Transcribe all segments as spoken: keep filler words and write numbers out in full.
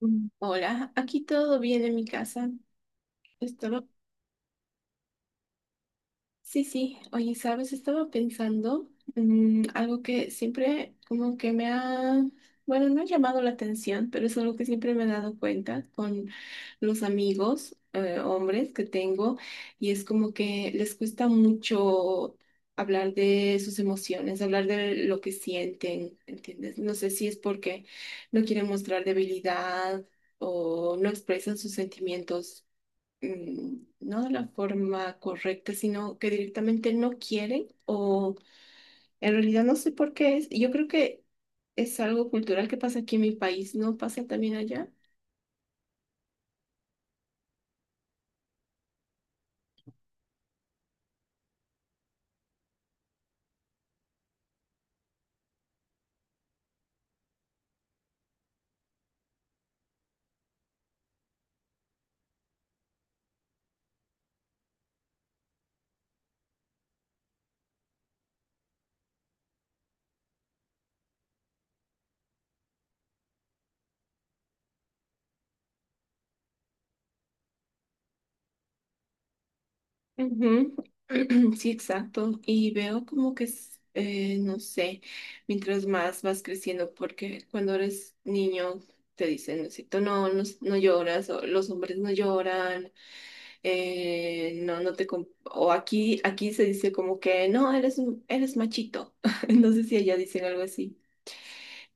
Mm. Hola, aquí todo bien en mi casa. Estaba, sí, sí, oye, sabes, estaba pensando mm, algo que siempre como que me ha, bueno, no ha llamado la atención, pero es algo que siempre me he dado cuenta con los amigos, eh, hombres que tengo, y es como que les cuesta mucho hablar de sus emociones, hablar de lo que sienten, ¿entiendes? No sé si es porque no quieren mostrar debilidad o no expresan sus sentimientos mm, no de la forma correcta, sino que directamente no quieren o en realidad no sé por qué es. Yo creo que es algo cultural que pasa aquí en mi país, ¿no pasa también allá? Ujú. Sí, exacto. Y veo como que, es, eh, no sé, mientras más vas creciendo, porque cuando eres niño te dicen, no, sé, tú no, no, no lloras, o los hombres no lloran, eh, no, no te... com- O aquí, aquí se dice como que, no, eres, un- eres machito. No sé si allá dicen algo así.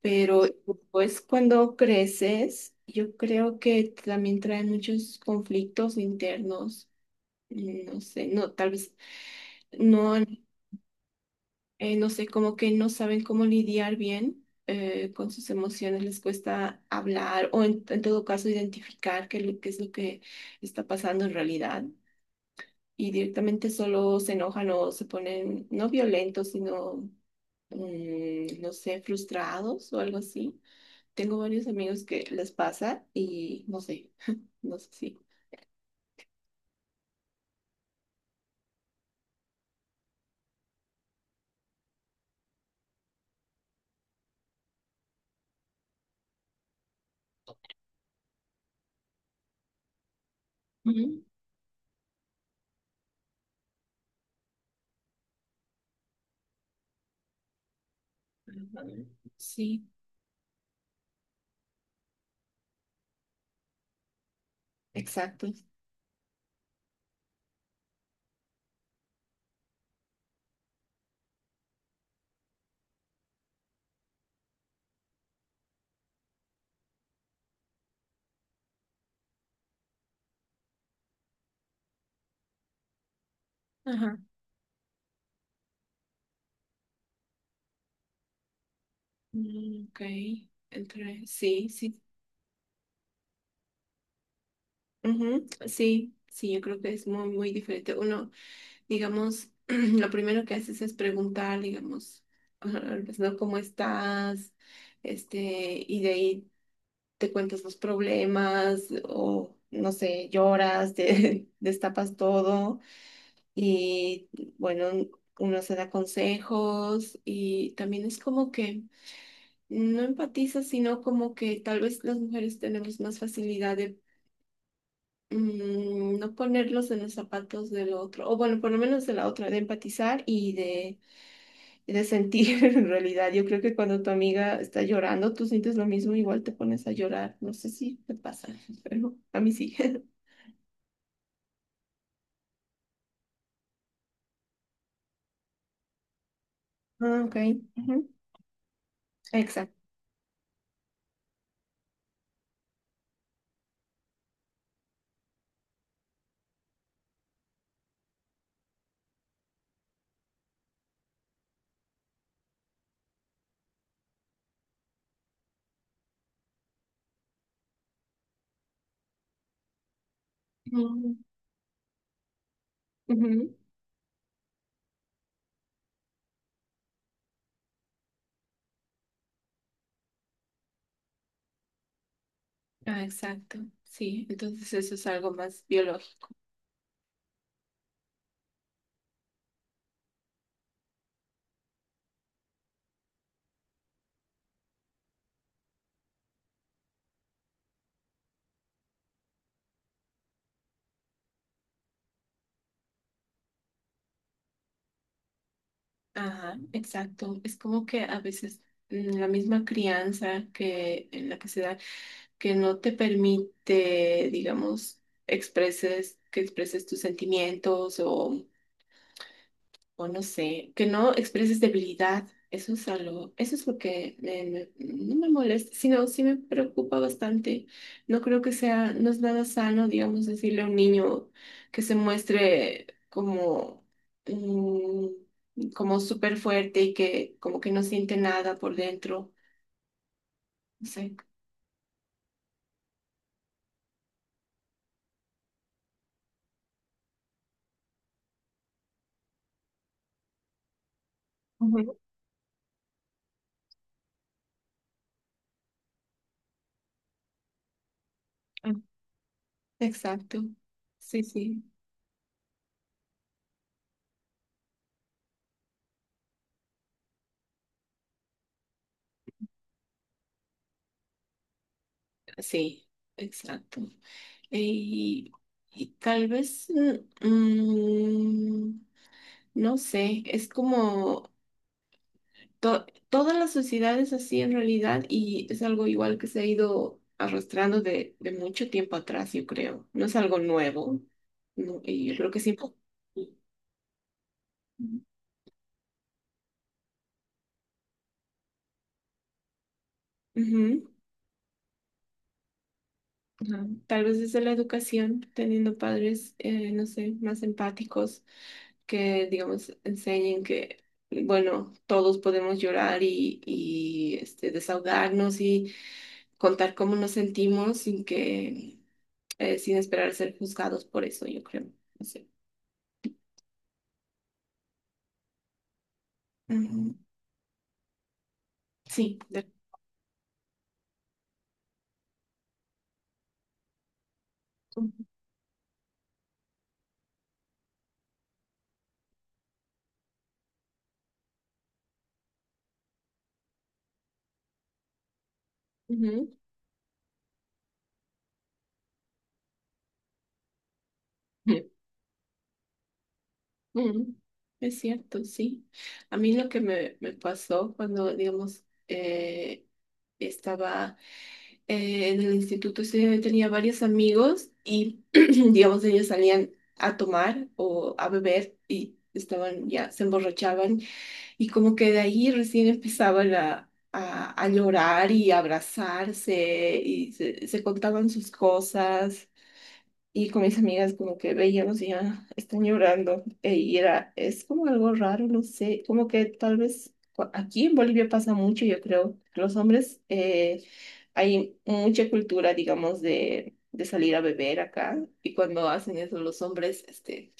Pero pues cuando creces, yo creo que también trae muchos conflictos internos. No sé, no, tal vez no, eh, no sé, como que no saben cómo lidiar bien eh, con sus emociones, les cuesta hablar o en, en todo caso identificar qué, es lo- qué es lo que está pasando en realidad y directamente solo se enojan o se ponen no violentos, sino, mm, no sé, frustrados o algo así. Tengo varios amigos que les pasa y no sé, no sé si. Ujú. Sí, exacto. Ajá. Mm, ok, entre, sí, sí. Ujú, sí, sí, yo creo que es muy, muy diferente. Uno, digamos, lo primero que haces es preguntar, digamos, pues, ¿no? ¿Cómo estás? Este, y de ahí te cuentas los problemas o, no sé, lloras, te destapas todo y, bueno, uno se da consejos y también es como que no empatizas, sino como que tal vez las mujeres tenemos más facilidad mm, no ponerlos en los zapatos del otro, o bueno, por lo menos de la otra, de empatizar y de, y de sentir en realidad. Yo creo que cuando tu amiga está llorando, tú sientes lo mismo, igual te pones a llorar. No sé si te pasa, pero a mí sí. Ah, ok. Ujú. Exacto. Mm, ujú. Ah, exacto. Sí, entonces eso es algo más biológico. Ajá, exacto. Es como que a veces mm, la misma crianza que en la que se da que no te permite, digamos, expreses, que expreses tus sentimientos o, o no sé, que no expreses debilidad. Eso es algo, eso es lo que me- me- no me molesta, sino sí me preocupa bastante. No creo que sea, no es nada sano, digamos, decirle a un niño que se muestre como, mm, como súper fuerte y que como que no siente nada por dentro. No sé. Ujú. Exacto. Sí, sí. Sí, exacto. Y, y tal vez, mm, mm, no sé, es como to- toda la sociedad es así en realidad y es algo igual que se ha ido arrastrando de, de mucho tiempo atrás, yo creo. No es algo nuevo, no, y yo creo que sí. Ujú, ajá. Tal vez desde la educación, teniendo padres, eh, no sé, más empáticos que, digamos, enseñen que, bueno, todos podemos llorar y, y, este, desahogarnos y contar cómo nos sentimos sin que, eh, sin esperar ser juzgados por eso, yo creo. No sé. Ujú. Sí, de- ujú. Ujú. Es cierto, sí. A mí lo que me, me pasó cuando, digamos, eh, estaba eh, en el instituto ese tenía varios amigos y, digamos, ellos salían a tomar o a beber y estaban ya, se emborrachaban y como que de ahí recién empezaban a, a, a llorar y a abrazarse y se, se contaban sus cosas. Y con mis amigas como que veíamos y ya están llorando. E- Y era, es como algo raro, no sé, como que tal vez cua- aquí en Bolivia pasa mucho, yo creo. Los hombres eh, hay mucha cultura, digamos, de, de salir a beber acá y cuando hacen eso los hombres, este,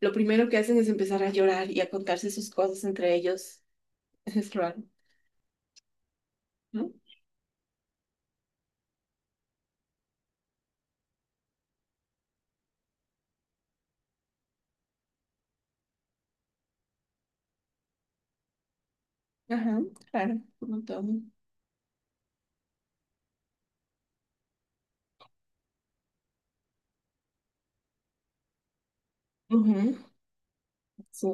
lo primero que hacen es empezar a llorar y a contarse sus cosas entre ellos. Es raro, ¿no? Ajá, claro, un montón. Ujú, sí,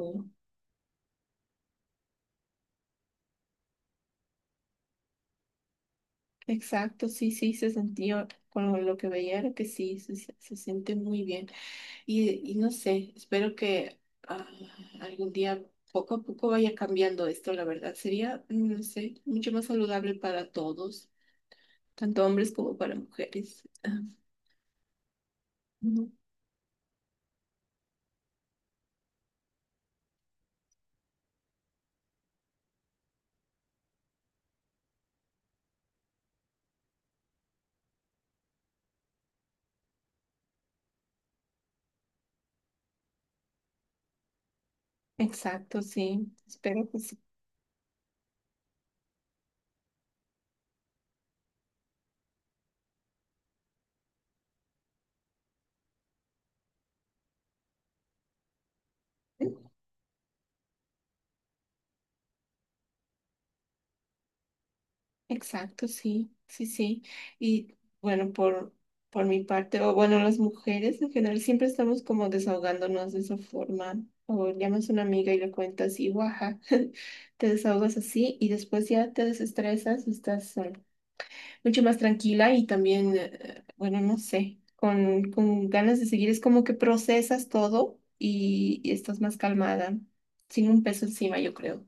exacto, sí, sí, se sentía con lo que veía era que sí, se, se- se siente muy bien. Y, y no sé, espero que ah, algún día poco a poco vaya cambiando esto, la verdad. Sería, no sé, mucho más saludable para todos, tanto hombres como para mujeres. Ah, ujú. Exacto, sí. Espero que sí. Exacto, sí, sí, sí. Y bueno, por, por mi parte, o bueno, las mujeres en general siempre estamos como desahogándonos de esa forma. O llamas a una amiga y le cuentas y guaja, te desahogas así y después ya te desestresas, estás eh, mucho más tranquila y también, eh, bueno, no sé, con, con ganas de seguir. Es como que procesas todo y, y estás más calmada, sin un peso encima, yo creo.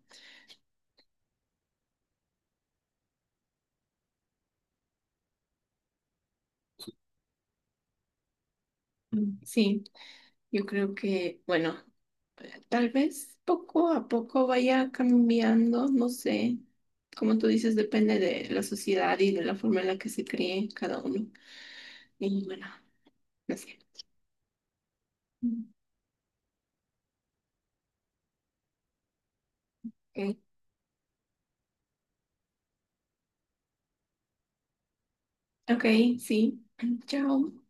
Mm, sí, yo creo que, bueno, eh, tal vez poco a poco vaya cambiando, no sé. Como tú dices, depende de la sociedad y de la forma en la que se críe cada uno. Y bueno, no sé. Mm. Ok, Ok, sí. Chao.